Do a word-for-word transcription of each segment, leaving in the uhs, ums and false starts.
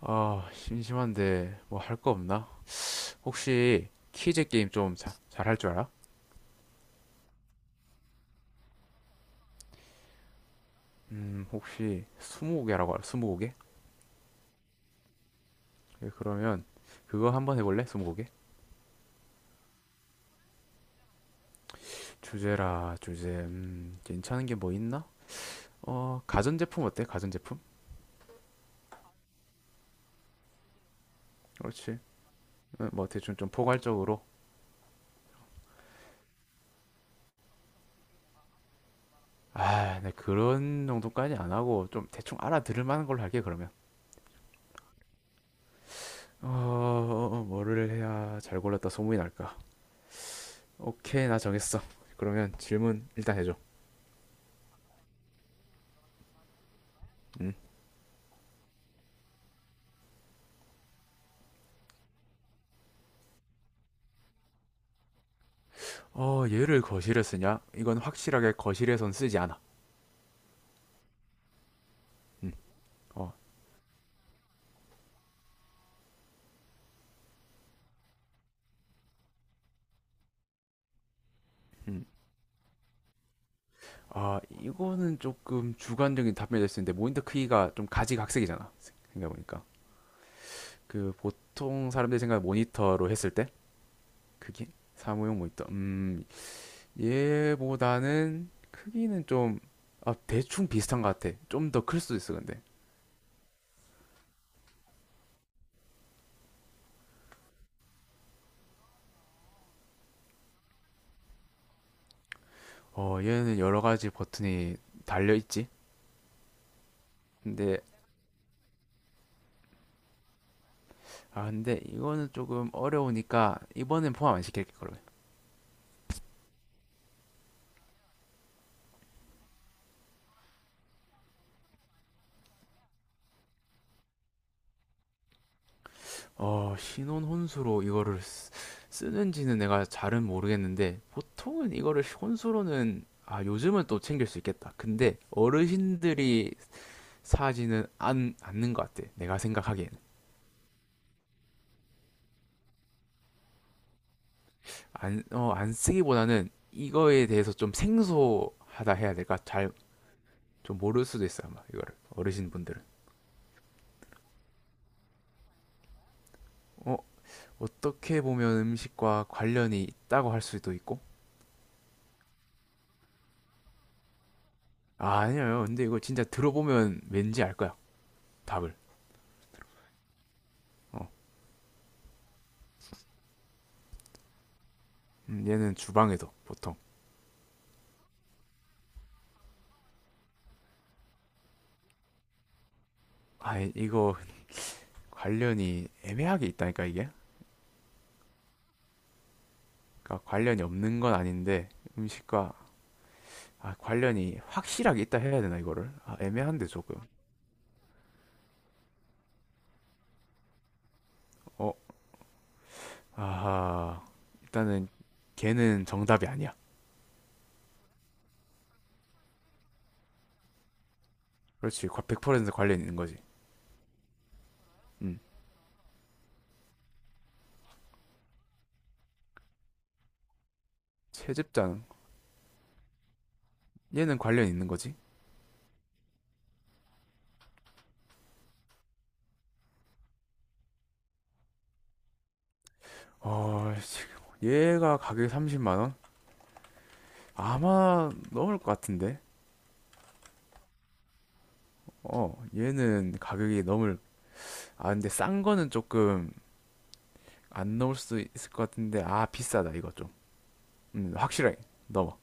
아, 심심한데 뭐 할 거 없나? 혹시 퀴즈 게임 좀 잘 할 줄 알아? 음, 혹시 스무고개라고 알아? 스무고개? 예, 그러면 그거 한번 해볼래? 스무고개? 주제라 주제. 음, 괜찮은 게 뭐 있나? 어, 가전제품 어때? 가전제품? 그렇지. 어, 뭐 대충 좀 포괄적으로. 아, 네 그런 정도까지 안 하고 좀 대충 알아들을 만한 걸로 할게 그러면. 어, 어, 어, 뭐를 해야 잘 골랐다 소문이 날까? 오케이, 나 정했어. 그러면 질문 일단 해줘. 음. 어, 얘를 거실에 쓰냐? 이건 확실하게 거실에선 쓰지 않아. 음, 어, 음. 아, 이거는 조금 주관적인 답변이 될 수 있는데 모니터 크기가 좀 가지각색이잖아. 생각해보니까. 그 보통 사람들이 생각하는 모니터로 했을 때 크기? 사무용 모니터. 음, 얘보다는 크기는 좀, 아, 대충 비슷한 것 같아. 좀 더 클 수도 있어, 근데. 어, 얘는 여러 가지 버튼이 달려있지. 근데, 아, 근데 이거는 조금 어려우니까 이번엔 포함 안 시킬게, 그러면. 어, 신혼 혼수로 이거를 쓰, 쓰는지는 내가 잘은 모르겠는데 보통은 이거를 혼수로는 아, 요즘은 또 챙길 수 있겠다. 근데 어르신들이 사지는 안, 않는 것 같아. 내가 생각하기엔. 안, 어, 안 쓰기보다는 이거에 대해서 좀 생소하다 해야 될까? 잘 좀 모를 수도 있어, 아마 이거를. 어르신분들은. 어, 어떻게 보면 음식과 관련이 있다고 할 수도 있고. 아, 아니에요. 근데 이거 진짜 들어보면 왠지 알 거야. 답을. 어. 음, 얘는 주방에도 보통. 아, 이- 거 관련이 애매하게 있다니까 이게. 그러니까 관련이 없는 건 아닌데 음식과 아, 관련이 확실하게 있다 해야 되나 이거를? 아, 애매한데 조금. 어, 아하. 일단은 걔는 정답이 아니야. 그렇지. 백 퍼센트 관련 있는 거지. 음. 채집장. 얘는 관련 있는 거지. 어, 지금 얘가 가격이 삼십만 원? 아마 넘을 것 같은데. 어, 얘는 가격이 넘을 아, 근데 싼 거는 조금 안 넣을 수 있을 것 같은데 아 비싸다 이거 좀 음, 확실하게 넘어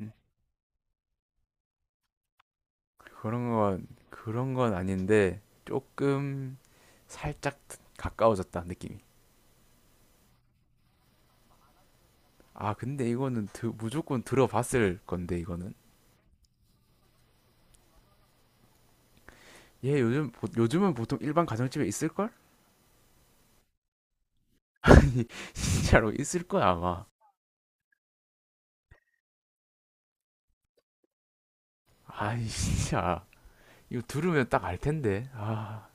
음, 그런 건 그런 건 아닌데 조금 살짝 가까워졌다 느낌이 아 근데 이거는 드- 무조건 들어봤을 건데 이거는 얘 요즘 보- 요즘은 보통 일반 가정집에 있을걸? 아니 진짜로 있을 거야 아마 아니 진짜 이거 들으면 딱 알 텐데 아,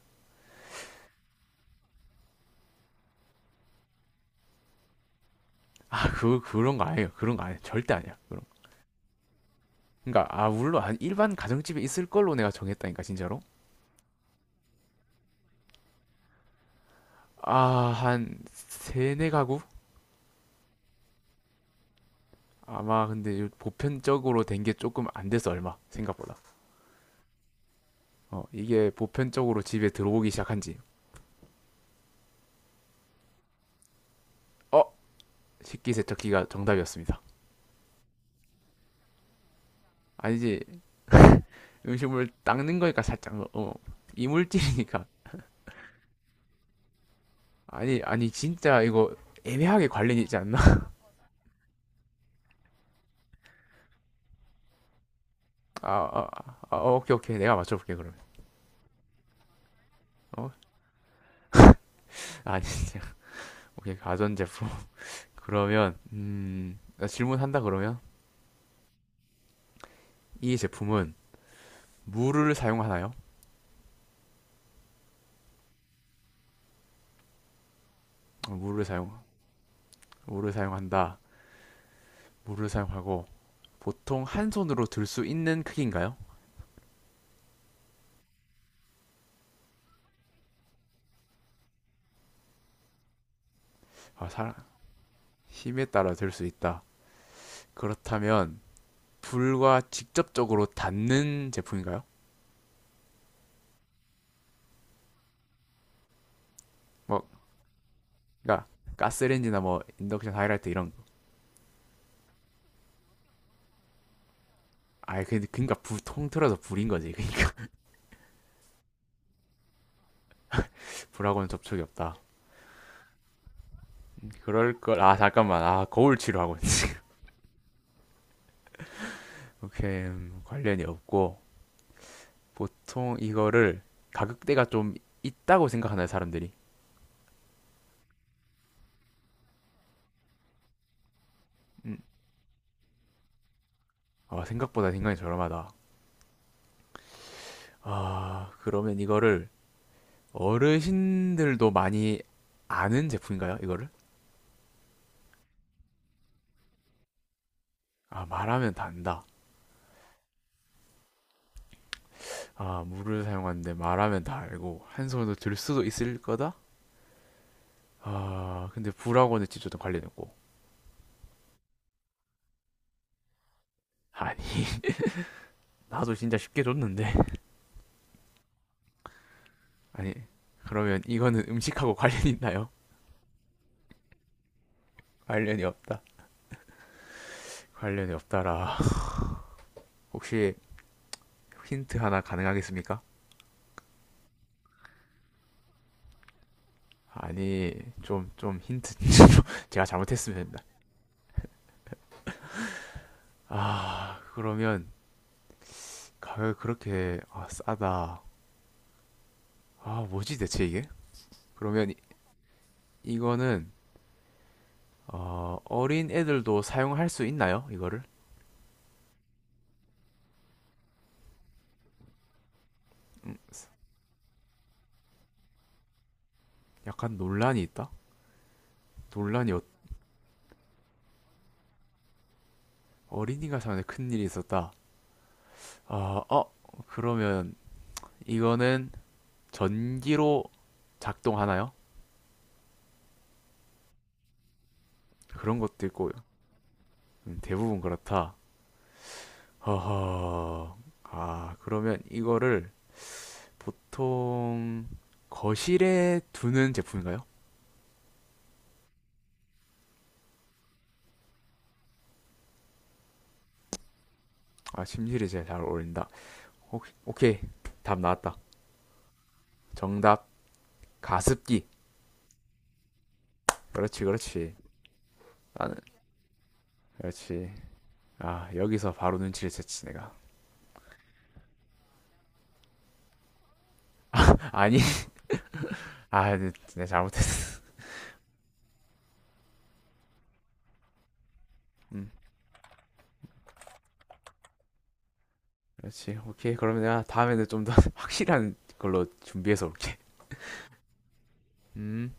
아 그, 그런 거 아니에요 그런 거 아니에요 절대 아니야 그런 거. 그러니까 아 물론 한 일반 가정집에 있을 걸로 내가 정했다니까 진짜로 아, 한 세네 가구? 아마 근데 요- 보편적으로 된 게 조금 안 돼서 얼마 생각보다. 어, 이게 보편적으로 집에 들어오기 시작한 지. 어, 식기세척기가 정답이었습니다. 아니지, 음식물 닦는 거니까 살짝 어, 어, 이물질이니까. 아니, 아니 진짜 이거 애매하게 관련이 있지 않나? 아, 아, 아, 어, 오케이, 오케이. 내가 맞춰볼게 그러면. 어, 아, 아니 진짜. 오케이, 가전제품. 그러면 음, 나 질문한다 그러면 이 제품은 물을 사용하나요? 물을 사용, 물을 사용한다. 물을 사용하고 보통 한 손으로 들 수 있는 크기인가요? 아, 사- 힘에 따라 들 수 있다. 그렇다면 불과 직접적으로 닿는 제품인가요? 뭐, 그러니까 가스레인지나 뭐 인덕션 하이라이트 이런. 아 근데 그러니까 불 통틀어서 불인 거지. 그러니까 불하고는 접촉이 없다. 그럴 걸. 아 잠깐만. 아 거울 치료하고 있 오케이 음, 관련이 없고 보통 이거를 가격대가 좀 있다고 생각하나요 사람들이? 음, 아, 생각보다 굉장히 저렴하다. 아, 그러면 이거를 어르신들도 많이 아는 제품인가요? 이거를? 아, 말하면 다 안다. 아, 물을 사용하는데 말하면 다 알고 한 손으로 들 수도 있을 거다? 아, 근데 불하고는 진짜 관련 없고. 아니, 나도 진짜 쉽게 줬는데. 아니, 그러면 이거는 음식하고 관련이 있나요? 관련이 없다. 관련이 없다라. 혹시 힌트 하나 가능하겠습니까? 아니, 좀, 좀 힌트. 제가 잘못했으면 됩니다. 아, 그러면 가격 그렇게 아, 싸다. 아, 뭐지 대체 이게? 그러면 이- 이거는 어, 어린 애들도 사용할 수 있나요? 이거를? 음, 약간 논란이 있다. 논란이 어, 어린이가 사용데 큰일이 있었다. 아, 어, 그러면 이거는 전기로 작동하나요? 그런 것도 있고 음, 대부분 그렇다. 허허. 아, 그러면 이거를 보통 거실에 두는 제품인가요? 아, 심실이 제일 잘 어울린다. 오, 오케이. 답 나왔다. 정답, 가습기. 그렇지, 그렇지. 나는 그렇지. 아, 여기서 바로 눈치를 챘지, 내가. 아니, 아, 네, 내가 잘못했어. 음, 그렇지. 오케이. 그러면 내가 다음에는 좀 더 확실한 걸로 준비해서 올게. 음.